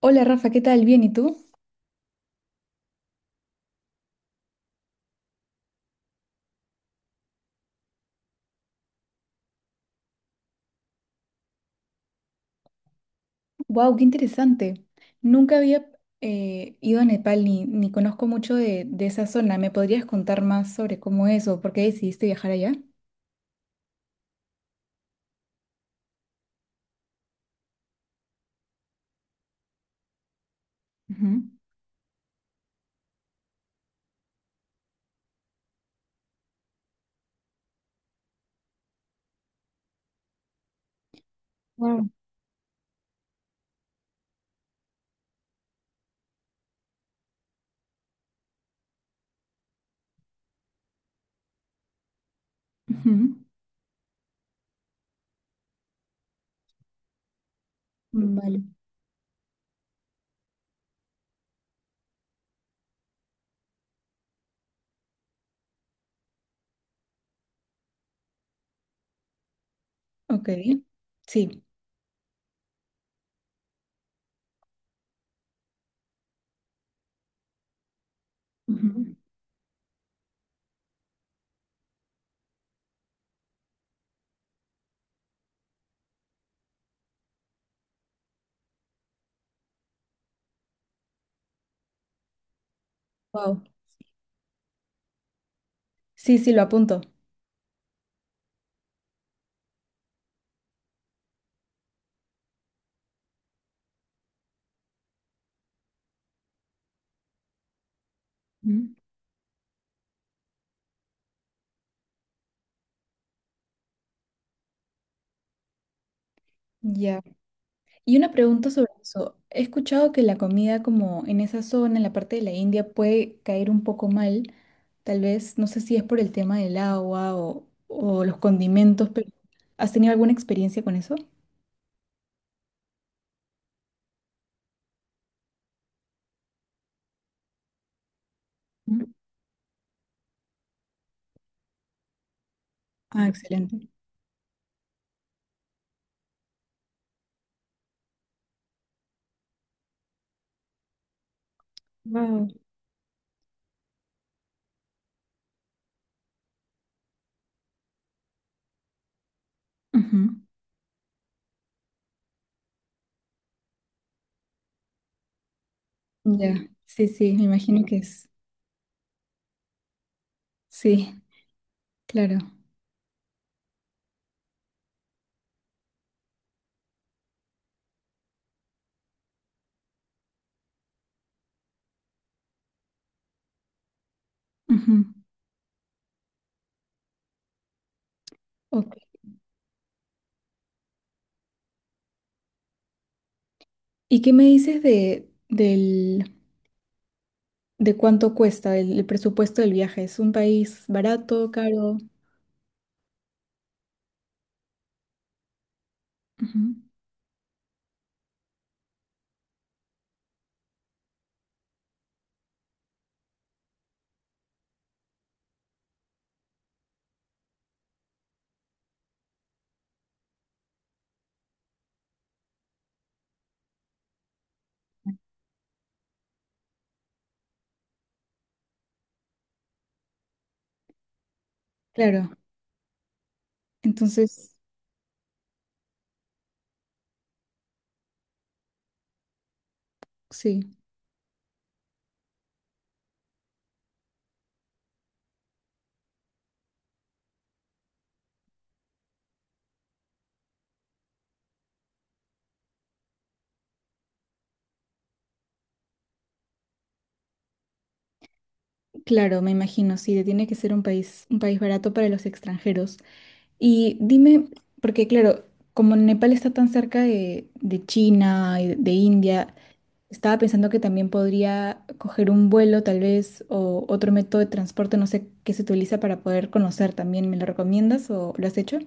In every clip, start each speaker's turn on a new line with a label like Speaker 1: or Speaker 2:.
Speaker 1: Hola Rafa, ¿qué tal? Bien, ¿y tú? ¡Wow! ¡Qué interesante! Nunca había ido a Nepal ni conozco mucho de esa zona. ¿Me podrías contar más sobre cómo es o por qué decidiste viajar allá? Ujú. Wow. Ujú. Vale. Ok. Sí. Wow. Sí, sí, lo apunto. Ujú. Ya. Y una pregunta sobre eso. He escuchado que la comida como en esa zona, en la parte de la India, puede caer un poco mal. Tal vez, no sé si es por el tema del agua o los condimentos, pero ¿has tenido alguna experiencia con eso? Mm. Ah, excelente. Wow. Ujú. Ya, sí, sí, me imagino que es. Sí, claro. Ujú. Ok. ¿Y qué me dices de cuánto cuesta el presupuesto del viaje? ¿Es un país barato, caro? Ujú. Claro. Entonces, sí, claro, me imagino, sí, tiene que ser un país barato para los extranjeros. Y dime, porque claro, como Nepal está tan cerca de China y de India, estaba pensando que también podría coger un vuelo tal vez o otro método de transporte, no sé qué se utiliza para poder conocer también. ¿Me lo recomiendas o lo has hecho?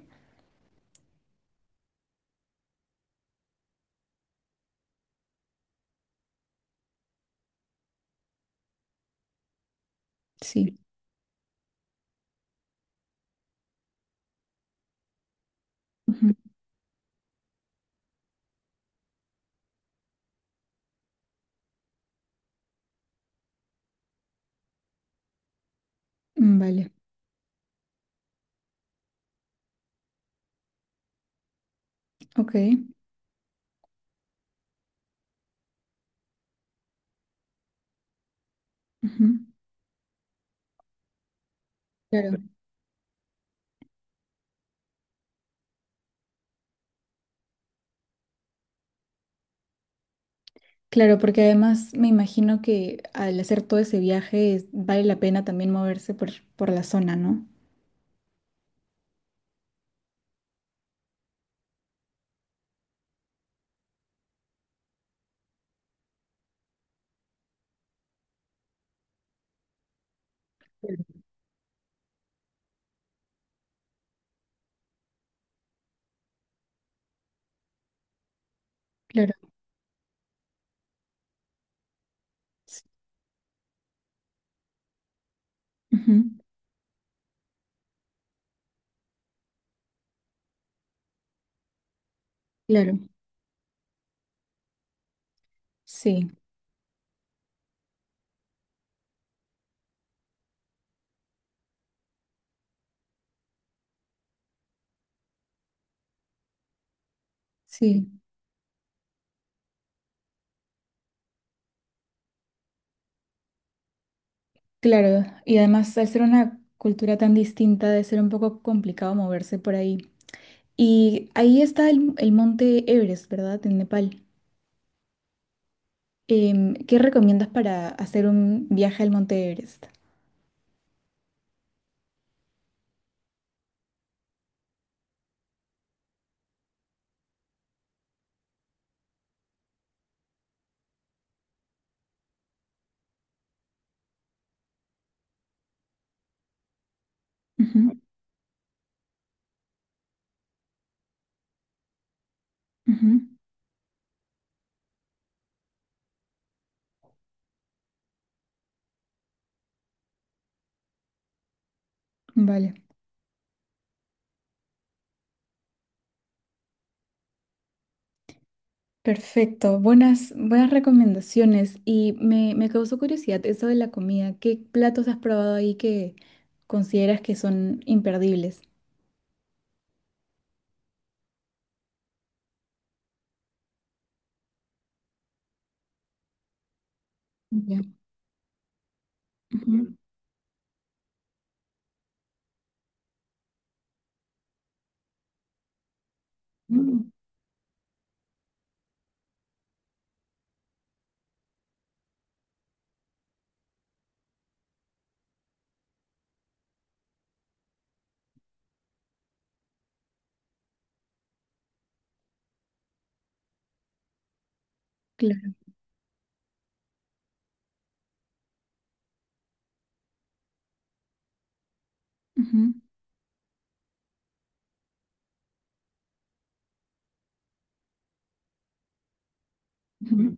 Speaker 1: Sí. Ujú. Vale, ok. Ujú. Claro. Claro, porque además me imagino que al hacer todo ese viaje es- vale la pena también moverse por la zona, ¿no? Claro. Claro. s- ujú, claro, sí, sí, claro. Y además al ser una cultura tan distinta debe ser un poco complicado moverse por ahí. Y ahí está el monte Everest, ¿verdad? En Nepal. ¿Qué recomiendas para hacer un viaje al monte Everest? Ujú, ujú. Vale. Perfecto, buenas, buenas recomendaciones. Y me causó curiosidad eso de la comida. ¿Qué platos has probado ahí que consideras que son imperdibles? Ya. Ujú. Mm. Claro. Ujú. Ujú.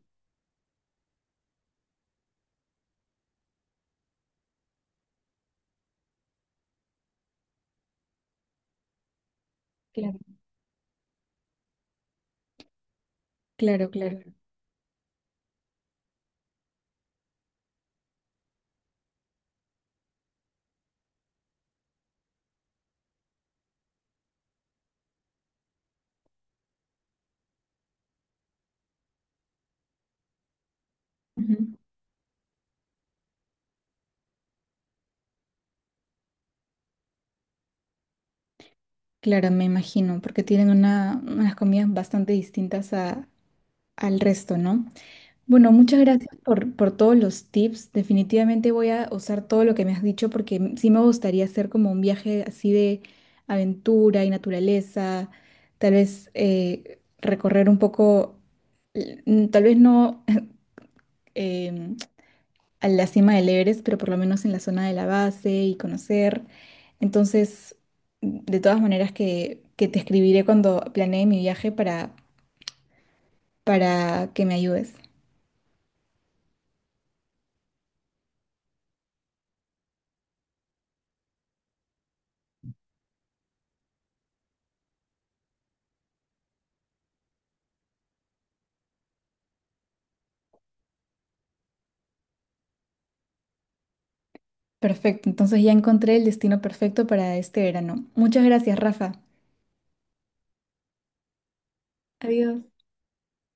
Speaker 1: Claro, claro, claro. Ujú. Claro, me imagino, porque tienen una, unas comidas bastante distintas a, al resto, ¿no? Bueno, muchas gracias por todos los tips. Definitivamente voy a usar todo lo que me has dicho porque m- sí me gustaría hacer como un viaje así de aventura y naturaleza, tal vez recorrer un poco, l- n- tal vez no em, a la cima del Everest, pero por lo menos en la zona de la base y conocer. Entonces, de todas maneras que te escribiré cuando planee mi viaje para que me ayudes. Perfecto, entonces ya encontré el destino perfecto para este verano. Muchas gracias, Rafa. Adiós.